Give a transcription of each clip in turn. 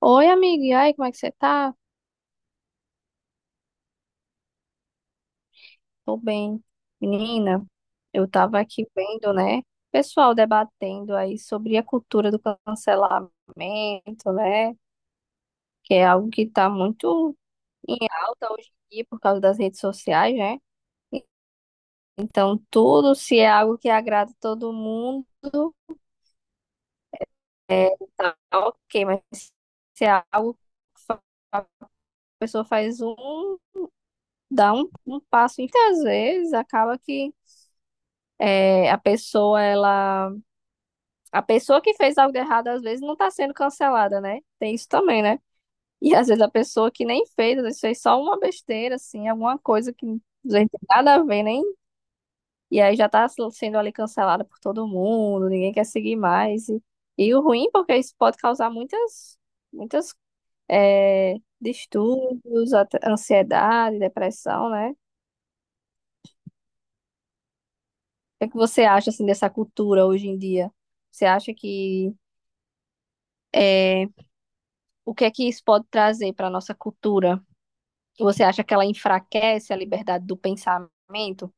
Oi, amiga. E aí, como é que você tá? Tô bem. Menina, eu tava aqui vendo, né? Pessoal debatendo aí sobre a cultura do cancelamento, né? Que é algo que tá muito em alta hoje em dia por causa das redes sociais, né? Então, tudo se é algo que agrada todo mundo, é, tá ok, mas se é algo que fa- a pessoa faz um, dá um passo, e às vezes acaba que é, a pessoa, ela. A pessoa que fez algo de errado, às vezes, não tá sendo cancelada, né? Tem isso também, né? E às vezes a pessoa que nem fez, às vezes fez só uma besteira, assim, alguma coisa que não tem nada a ver, nem. E aí já tá sendo ali cancelada por todo mundo, ninguém quer seguir mais. E o ruim, porque isso pode causar muitas, muitas, é, distúrbios, até ansiedade, depressão, né? O que é que você acha, assim, dessa cultura hoje em dia? Você acha que. É, o que é que isso pode trazer para a nossa cultura? Você acha que ela enfraquece a liberdade do pensamento?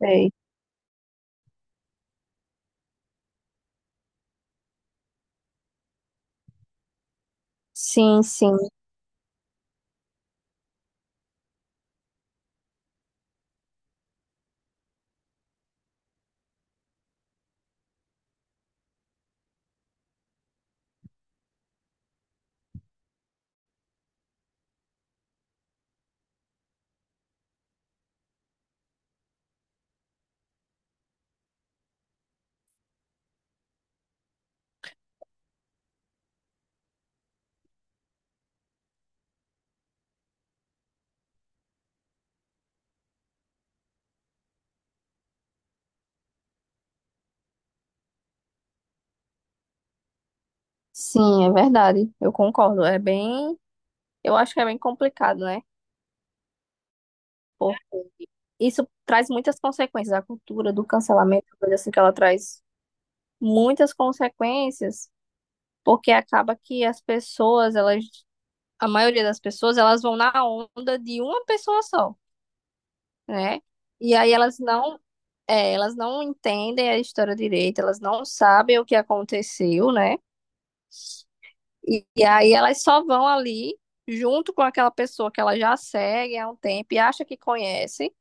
Sei. Sim, sim, sim, é verdade. Eu concordo. É bem, eu acho que é bem complicado, né? Pô, isso traz muitas consequências. A cultura do cancelamento, coisa assim que ela traz muitas consequências, porque acaba que as pessoas, elas, a maioria das pessoas, elas vão na onda de uma pessoa só, né? E aí elas não É, Elas não entendem a história direito, elas não sabem o que aconteceu, né? E aí elas só vão ali junto com aquela pessoa que ela já segue há um tempo e acha que conhece,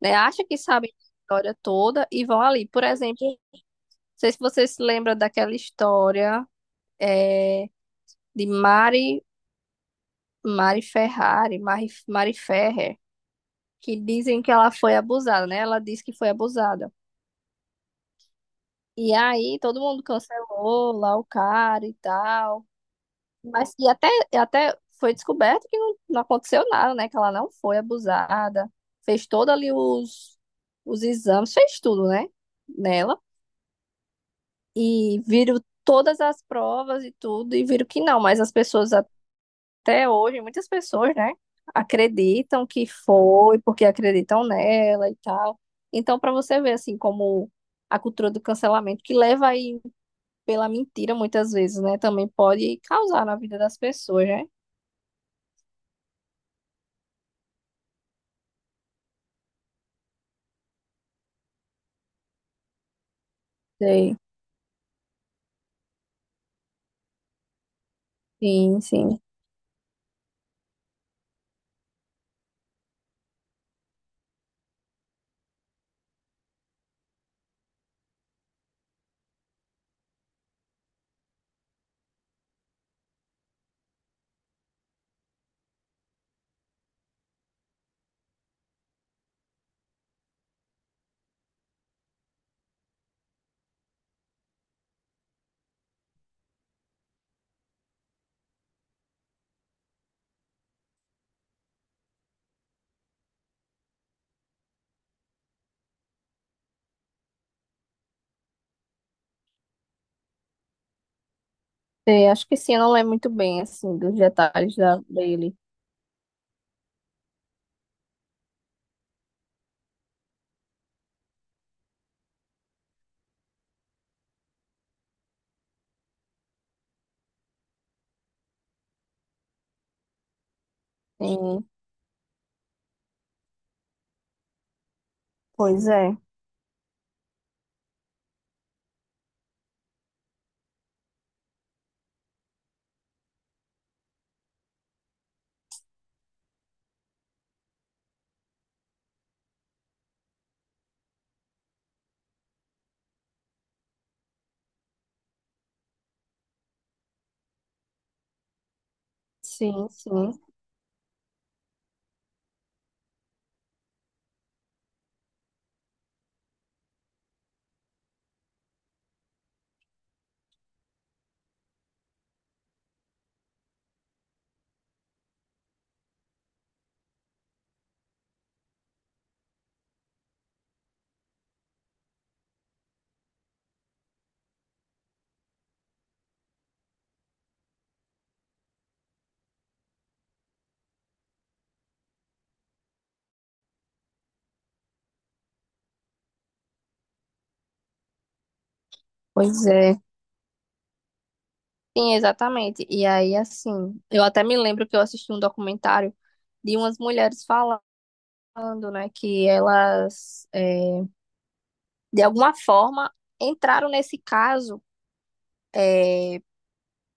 né? Acha que sabe a história toda e vão ali. Por exemplo, não sei se você se lembra daquela história é, de Mari, Mari Ferrari, Mari, Mari Ferrer, que dizem que ela foi abusada, né? Ela disse que foi abusada. E aí todo mundo cancelou lá o cara e tal. Mas e até foi descoberto que não, não aconteceu nada, né? Que ela não foi abusada, fez todo ali os exames, fez tudo, né? Nela. E viram todas as provas e tudo, e viram que não, mas as pessoas até hoje, muitas pessoas, né? Acreditam que foi, porque acreditam nela e tal. Então, para você ver, assim, como a cultura do cancelamento, que leva aí pela mentira muitas vezes, né? Também pode causar na vida das pessoas, né? Sei. Sim, sim. É, acho que sim, eu não lembro muito bem, assim, dos detalhes dele. Sim, pois é. Sim, sim. Pois é. Sim, exatamente. E aí, assim, eu até me lembro que eu assisti um documentário de umas mulheres falando, né, que elas, é, de alguma forma, entraram nesse caso, é,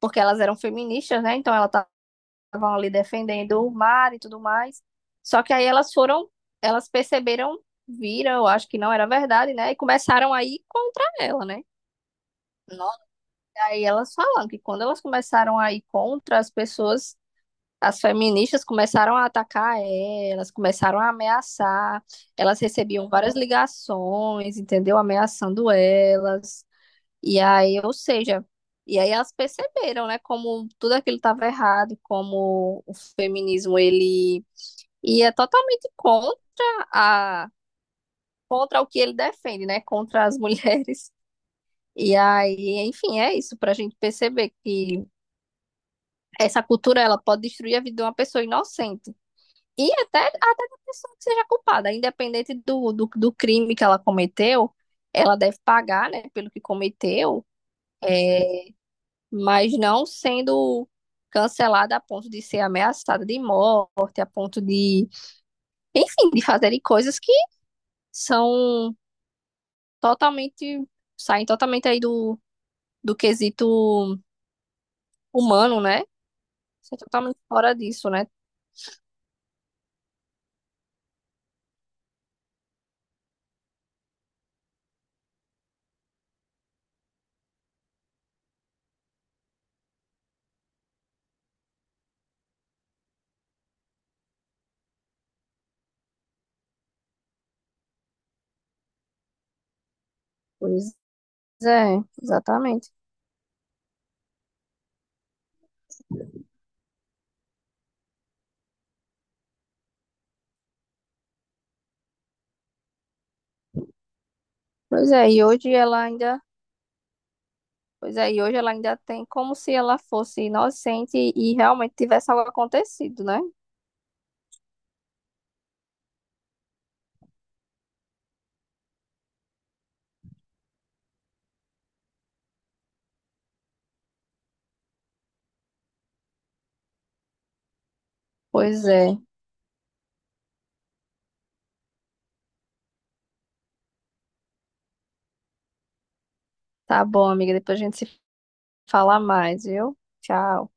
porque elas eram feministas, né? Então, ela tá estavam ali defendendo o mar e tudo mais. Só que aí elas foram, elas perceberam, viram, eu acho que não era verdade, né? E começaram a ir contra ela, né? Nossa, aí elas falam que quando elas começaram a ir contra as pessoas, as feministas começaram a atacar elas, começaram a ameaçar. Elas recebiam várias ligações, entendeu? Ameaçando elas. E aí, ou seja, e aí elas perceberam, né, como tudo aquilo estava errado, como o feminismo ele ia totalmente a contra o que ele defende, né, contra as mulheres. E aí, enfim, é isso para a gente perceber que essa cultura ela pode destruir a vida de uma pessoa inocente. E até, até da pessoa que seja culpada, independente do crime que ela cometeu, ela deve pagar, né, pelo que cometeu. É, mas não sendo cancelada a ponto de ser ameaçada de morte, a ponto de, enfim, de fazerem coisas que são totalmente, saem totalmente aí do, do quesito humano, né? Isso é totalmente fora disso, né? Pois é, exatamente. Pois é, e hoje ela ainda, pois é, e hoje ela ainda tem como se ela fosse inocente e realmente tivesse algo acontecido, né? Pois é. Tá bom, amiga, depois a gente se fala mais, viu? Tchau.